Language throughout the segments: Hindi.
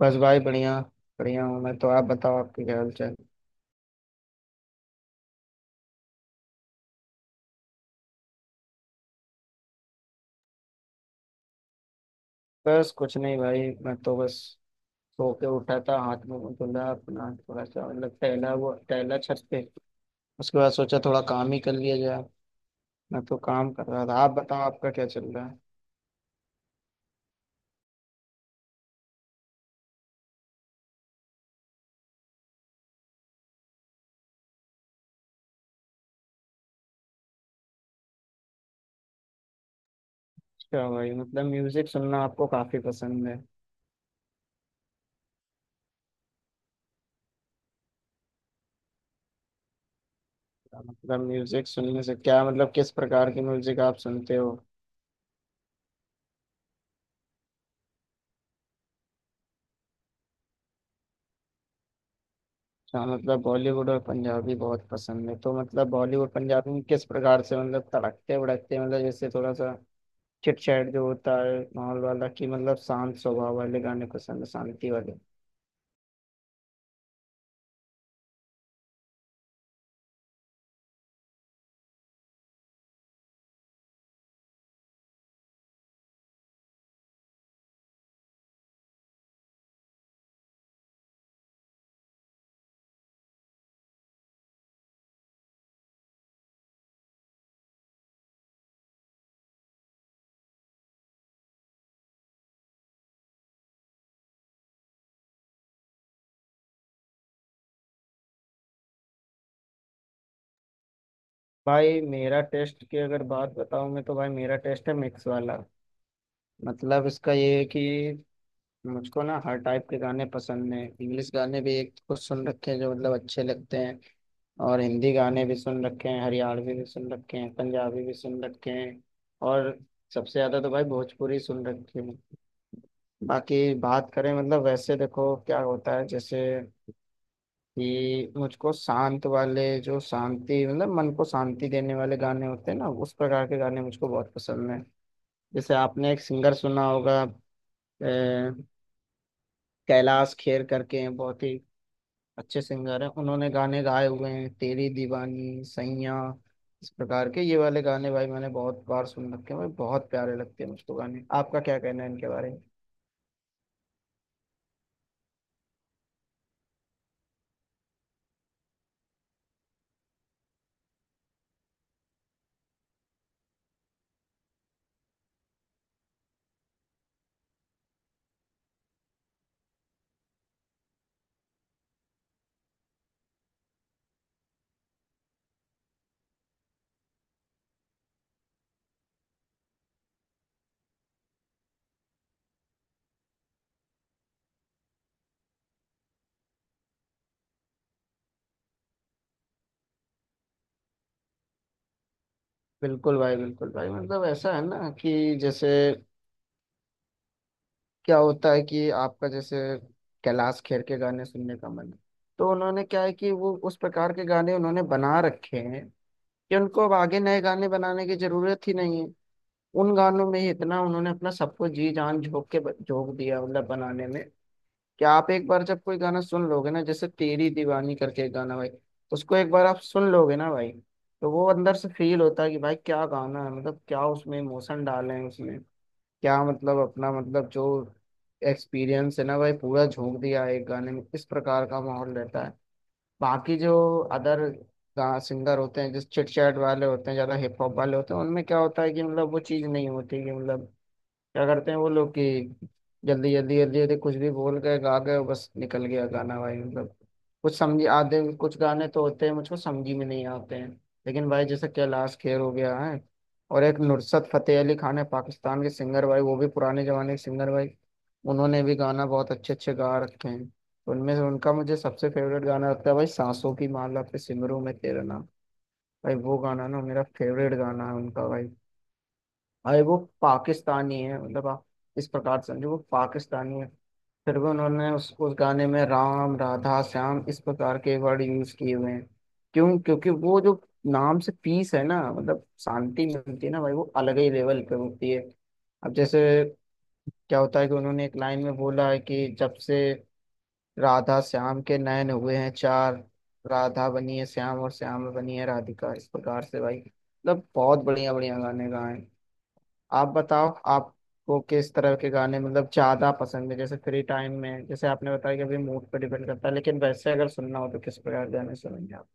बस भाई बढ़िया। बढ़िया हूँ। मैं तो आप बताओ, आपकी क्या हाल चाल। बस कुछ नहीं भाई, मैं तो बस सो के उठा था, हाथ में मुंह धुला अपना, थोड़ा सा मतलब टहला हुआ, टहला छत पे। उसके बाद सोचा थोड़ा काम ही कर लिया जाए। मैं तो काम कर रहा था, आप बताओ आपका क्या चल रहा है। अच्छा भाई, मतलब म्यूजिक सुनना आपको काफी पसंद है। मतलब म्यूजिक सुनने से क्या मतलब, किस प्रकार की म्यूजिक आप सुनते हो। हाँ, मतलब बॉलीवुड और पंजाबी बहुत पसंद है तो मतलब बॉलीवुड पंजाबी में किस प्रकार से, मतलब तड़कते भड़कते, मतलब जैसे थोड़ा सा चिटचैट जो होता है माहौल वाला, कि मतलब शांत स्वभाव वाले गाने पसंद है, शांति वाले। भाई मेरा टेस्ट की अगर बात बताऊं, मैं तो भाई मेरा टेस्ट है मिक्स वाला। मतलब इसका ये है कि मुझको ना हर टाइप के गाने पसंद हैं। इंग्लिश गाने भी एक कुछ सुन रखे हैं जो मतलब अच्छे लगते हैं, और हिंदी गाने भी सुन रखे हैं, हरियाणवी भी सुन रखे हैं, पंजाबी भी सुन रखे हैं। और सबसे ज्यादा तो भाई भोजपुरी सुन रखे हैं। बाकी बात करें, मतलब वैसे देखो क्या होता है, जैसे कि मुझको शांत वाले जो शांति, मतलब मन को शांति देने वाले गाने होते हैं ना, उस प्रकार के गाने मुझको बहुत पसंद हैं। जैसे आपने एक सिंगर सुना होगा, अ, कैलाश खेर करके हैं, बहुत ही अच्छे सिंगर हैं। उन्होंने गाने गाए हुए हैं तेरी दीवानी सैयां, इस प्रकार के ये वाले गाने भाई मैंने बहुत बार सुन रखे हैं भाई। बहुत प्यारे लगते हैं मुझको गाने। आपका क्या कहना है इनके बारे में। बिल्कुल भाई, बिल्कुल भाई, मतलब ऐसा है ना कि जैसे क्या होता है कि आपका जैसे कैलाश खेर के गाने सुनने का मन है, तो उन्होंने क्या है कि वो उस प्रकार के गाने उन्होंने बना रखे हैं कि उनको अब आगे नए गाने बनाने की जरूरत ही नहीं है। उन गानों में ही इतना उन्होंने अपना सब कुछ जी जान झोंक के झोंक दिया, मतलब बनाने में। कि आप एक बार जब कोई गाना सुन लोगे ना, जैसे तेरी दीवानी करके एक गाना भाई, उसको एक बार आप सुन लोगे ना भाई, तो वो अंदर से फील होता है कि भाई क्या गाना है, मतलब क्या उसमें इमोशन डाले हैं उसने। क्या मतलब, अपना मतलब जो एक्सपीरियंस है ना भाई, पूरा झोंक दिया है एक गाने में। इस प्रकार का माहौल रहता है। बाकी जो अदर सिंगर होते हैं, जिस चिट चैट वाले होते हैं, ज्यादा हिप हॉप वाले होते हैं, उनमें क्या होता है कि मतलब वो चीज नहीं होती कि मतलब क्या करते हैं वो लोग कि जल्दी जल्दी जल्दी जल्दी कुछ भी बोल गए, गा गए और बस निकल गया गाना भाई। मतलब कुछ समझ आधे, कुछ गाने तो होते हैं मुझको समझ ही में नहीं आते हैं। लेकिन भाई जैसे कैलाश खेर हो गया है, और एक नुसरत फतेह अली खान है पाकिस्तान के सिंगर भाई, वो भी पुराने जमाने के सिंगर भाई, उन्होंने भी गाना बहुत अच्छे अच्छे गा रखे हैं। तो उनमें से उनका मुझे सबसे फेवरेट गाना लगता है भाई, सांसों की माला पे सिमरू मैं तेरा नाम। भाई वो गाना ना मेरा फेवरेट गाना है उनका भाई। अरे वो पाकिस्तानी है, मतलब आप इस प्रकार समझो वो पाकिस्तानी है। फिर भी उन्होंने उस गाने में राम राधा श्याम इस प्रकार के वर्ड यूज किए हुए हैं। क्यों? क्योंकि वो जो नाम से पीस है ना, मतलब शांति मिलती है ना भाई, वो अलग ही लेवल पे होती है। अब जैसे क्या होता है कि उन्होंने एक लाइन में बोला है कि जब से राधा श्याम के नयन हुए हैं चार, राधा बनी है श्याम और श्याम बनी है राधिका, इस प्रकार से भाई, मतलब बहुत बढ़िया बढ़िया गाने गाए हैं। आप बताओ आपको किस तरह के गाने मतलब ज्यादा पसंद है, जैसे फ्री टाइम में, जैसे आपने बताया कि अभी मूड पे डिपेंड करता है, लेकिन वैसे अगर सुनना हो तो किस प्रकार के गाने सुनेंगे आप।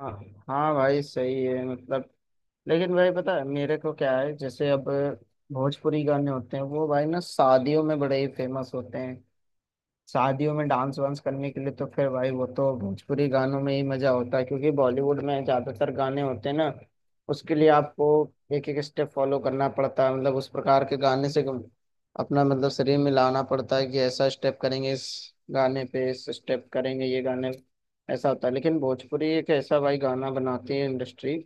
हाँ, हाँ भाई, सही है मतलब। लेकिन भाई पता है मेरे को क्या है, जैसे अब भोजपुरी गाने होते हैं वो भाई ना शादियों में बड़े ही फेमस होते हैं। शादियों में डांस वांस करने के लिए तो फिर भाई वो तो भोजपुरी गानों में ही मजा होता है, क्योंकि बॉलीवुड में ज्यादातर गाने होते हैं ना, उसके लिए आपको एक एक स्टेप फॉलो करना पड़ता है, मतलब उस प्रकार के गाने से अपना मतलब शरीर मिलाना पड़ता है कि ऐसा स्टेप करेंगे इस गाने पे, इस स्टेप करेंगे ये गाने। ऐसा होता है। लेकिन भोजपुरी एक ऐसा भाई गाना बनाती है इंडस्ट्री,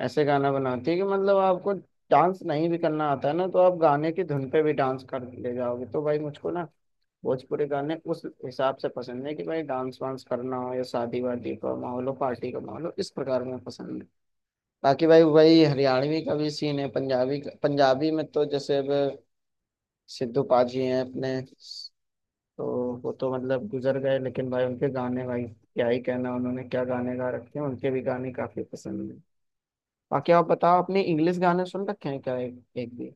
ऐसे गाना बनाती है कि मतलब आपको डांस नहीं भी करना आता है ना, तो आप गाने की धुन पे भी डांस कर ले जाओगे। तो भाई मुझको ना भोजपुरी गाने उस हिसाब से पसंद है कि भाई डांस वांस करना हो या शादी वादी का माहौल हो, पार्टी का माहौल हो, इस प्रकार में पसंद है। बाकी भाई वही हरियाणवी का भी सीन है, पंजाबी का, पंजाबी में तो जैसे अब सिद्धू पाजी हैं अपने, तो वो तो मतलब गुजर गए, लेकिन भाई उनके गाने भाई क्या ही कहना, उन्होंने क्या गाने गा रखे हैं, उनके भी गाने काफी पसंद है। बाकी आप बताओ अपने इंग्लिश गाने सुन रखे हैं क्या, एक, एक भी।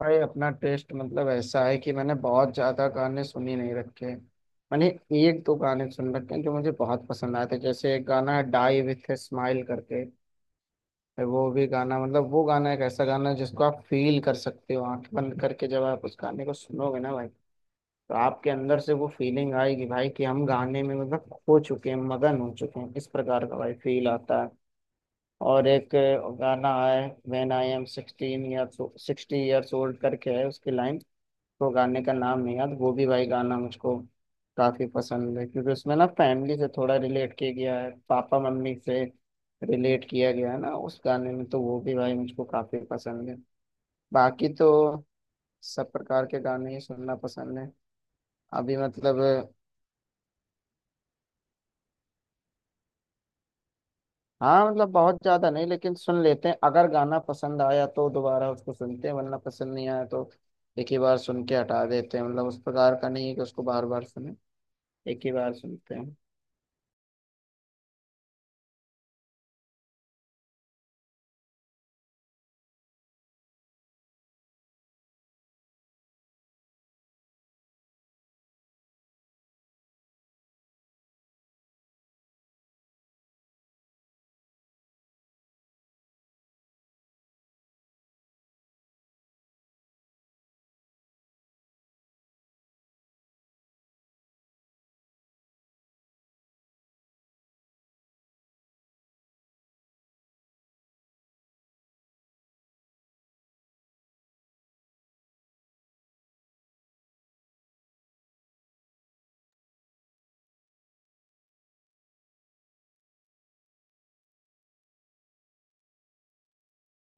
भाई अपना टेस्ट मतलब ऐसा है कि मैंने बहुत ज्यादा गाने सुन ही नहीं रखे हैं। मैंने एक दो गाने सुन रखे हैं जो मुझे बहुत पसंद आए थे, जैसे एक गाना है डाई विथ ए स्माइल करके। वो भी गाना मतलब वो गाना एक ऐसा गाना है जिसको आप फील कर सकते हो आंख बंद करके, जब आप उस गाने को सुनोगे ना भाई, तो आपके अंदर से वो फीलिंग आएगी भाई कि हम गाने में मतलब खो चुके हैं, मगन हो चुके हैं, इस प्रकार का भाई फील आता है। और एक गाना है when I am sixteen years, sixty years old करके है उसकी लाइन। तो गाने का नाम नहीं याद, वो भी भाई गाना मुझको काफी पसंद है क्योंकि उसमें ना फैमिली से थोड़ा रिलेट किया गया है, पापा मम्मी से रिलेट किया गया है ना उस गाने में, तो वो भी भाई मुझको काफी पसंद है। बाकी तो सब प्रकार के गाने ही सुनना पसंद है। अभी मतलब, हाँ, मतलब बहुत ज्यादा नहीं लेकिन सुन लेते हैं। अगर गाना पसंद आया तो दोबारा उसको सुनते हैं, वरना पसंद नहीं आया तो एक ही बार सुन के हटा देते हैं। मतलब उस प्रकार का नहीं है कि उसको बार बार सुने, एक ही बार सुनते हैं।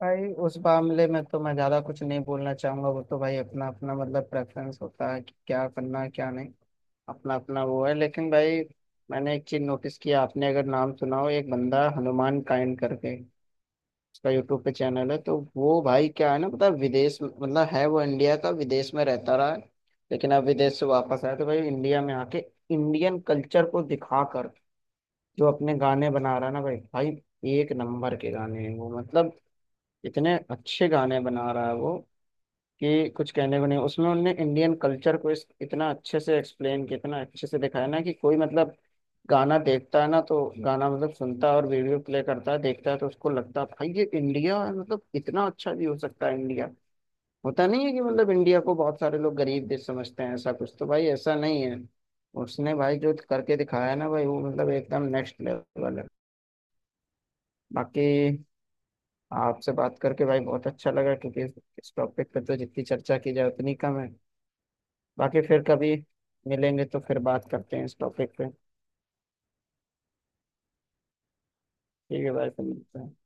भाई उस मामले में तो मैं ज्यादा कुछ नहीं बोलना चाहूंगा, वो तो भाई अपना अपना मतलब प्रेफरेंस होता है कि क्या करना है क्या नहीं, अपना अपना वो है। लेकिन भाई मैंने एक चीज नोटिस किया, आपने अगर नाम सुना हो एक बंदा हनुमान काइंड करके, उसका यूट्यूब पे चैनल है। तो वो भाई क्या है ना पता है, मतलब है वो इंडिया का, विदेश में रहता रहा है। लेकिन अब विदेश से वापस आया तो भाई इंडिया में आके इंडियन कल्चर को दिखाकर जो अपने गाने बना रहा है ना भाई भाई, एक नंबर के गाने हैं वो, मतलब इतने अच्छे गाने बना रहा है वो कि कुछ कहने को नहीं। उसमें उनने इंडियन कल्चर को इस इतना अच्छे से एक्सप्लेन किया, इतना अच्छे से दिखाया ना, कि कोई मतलब गाना देखता है ना, तो गाना मतलब सुनता है और वीडियो प्ले करता है देखता है, तो उसको लगता है भाई ये इंडिया है, मतलब इतना अच्छा भी हो सकता है इंडिया। होता नहीं है कि मतलब, इंडिया को बहुत सारे लोग गरीब देश समझते हैं, ऐसा कुछ तो भाई ऐसा नहीं है। उसने भाई जो करके दिखाया है ना भाई, वो मतलब एकदम नेक्स्ट लेवल है। बाकी आपसे बात करके भाई बहुत अच्छा लगा क्योंकि इस टॉपिक पे तो जितनी चर्चा की जाए उतनी कम है। बाकी फिर कभी मिलेंगे तो फिर बात करते हैं इस टॉपिक पे। ठीक है भाई, फिर मिलते हैं।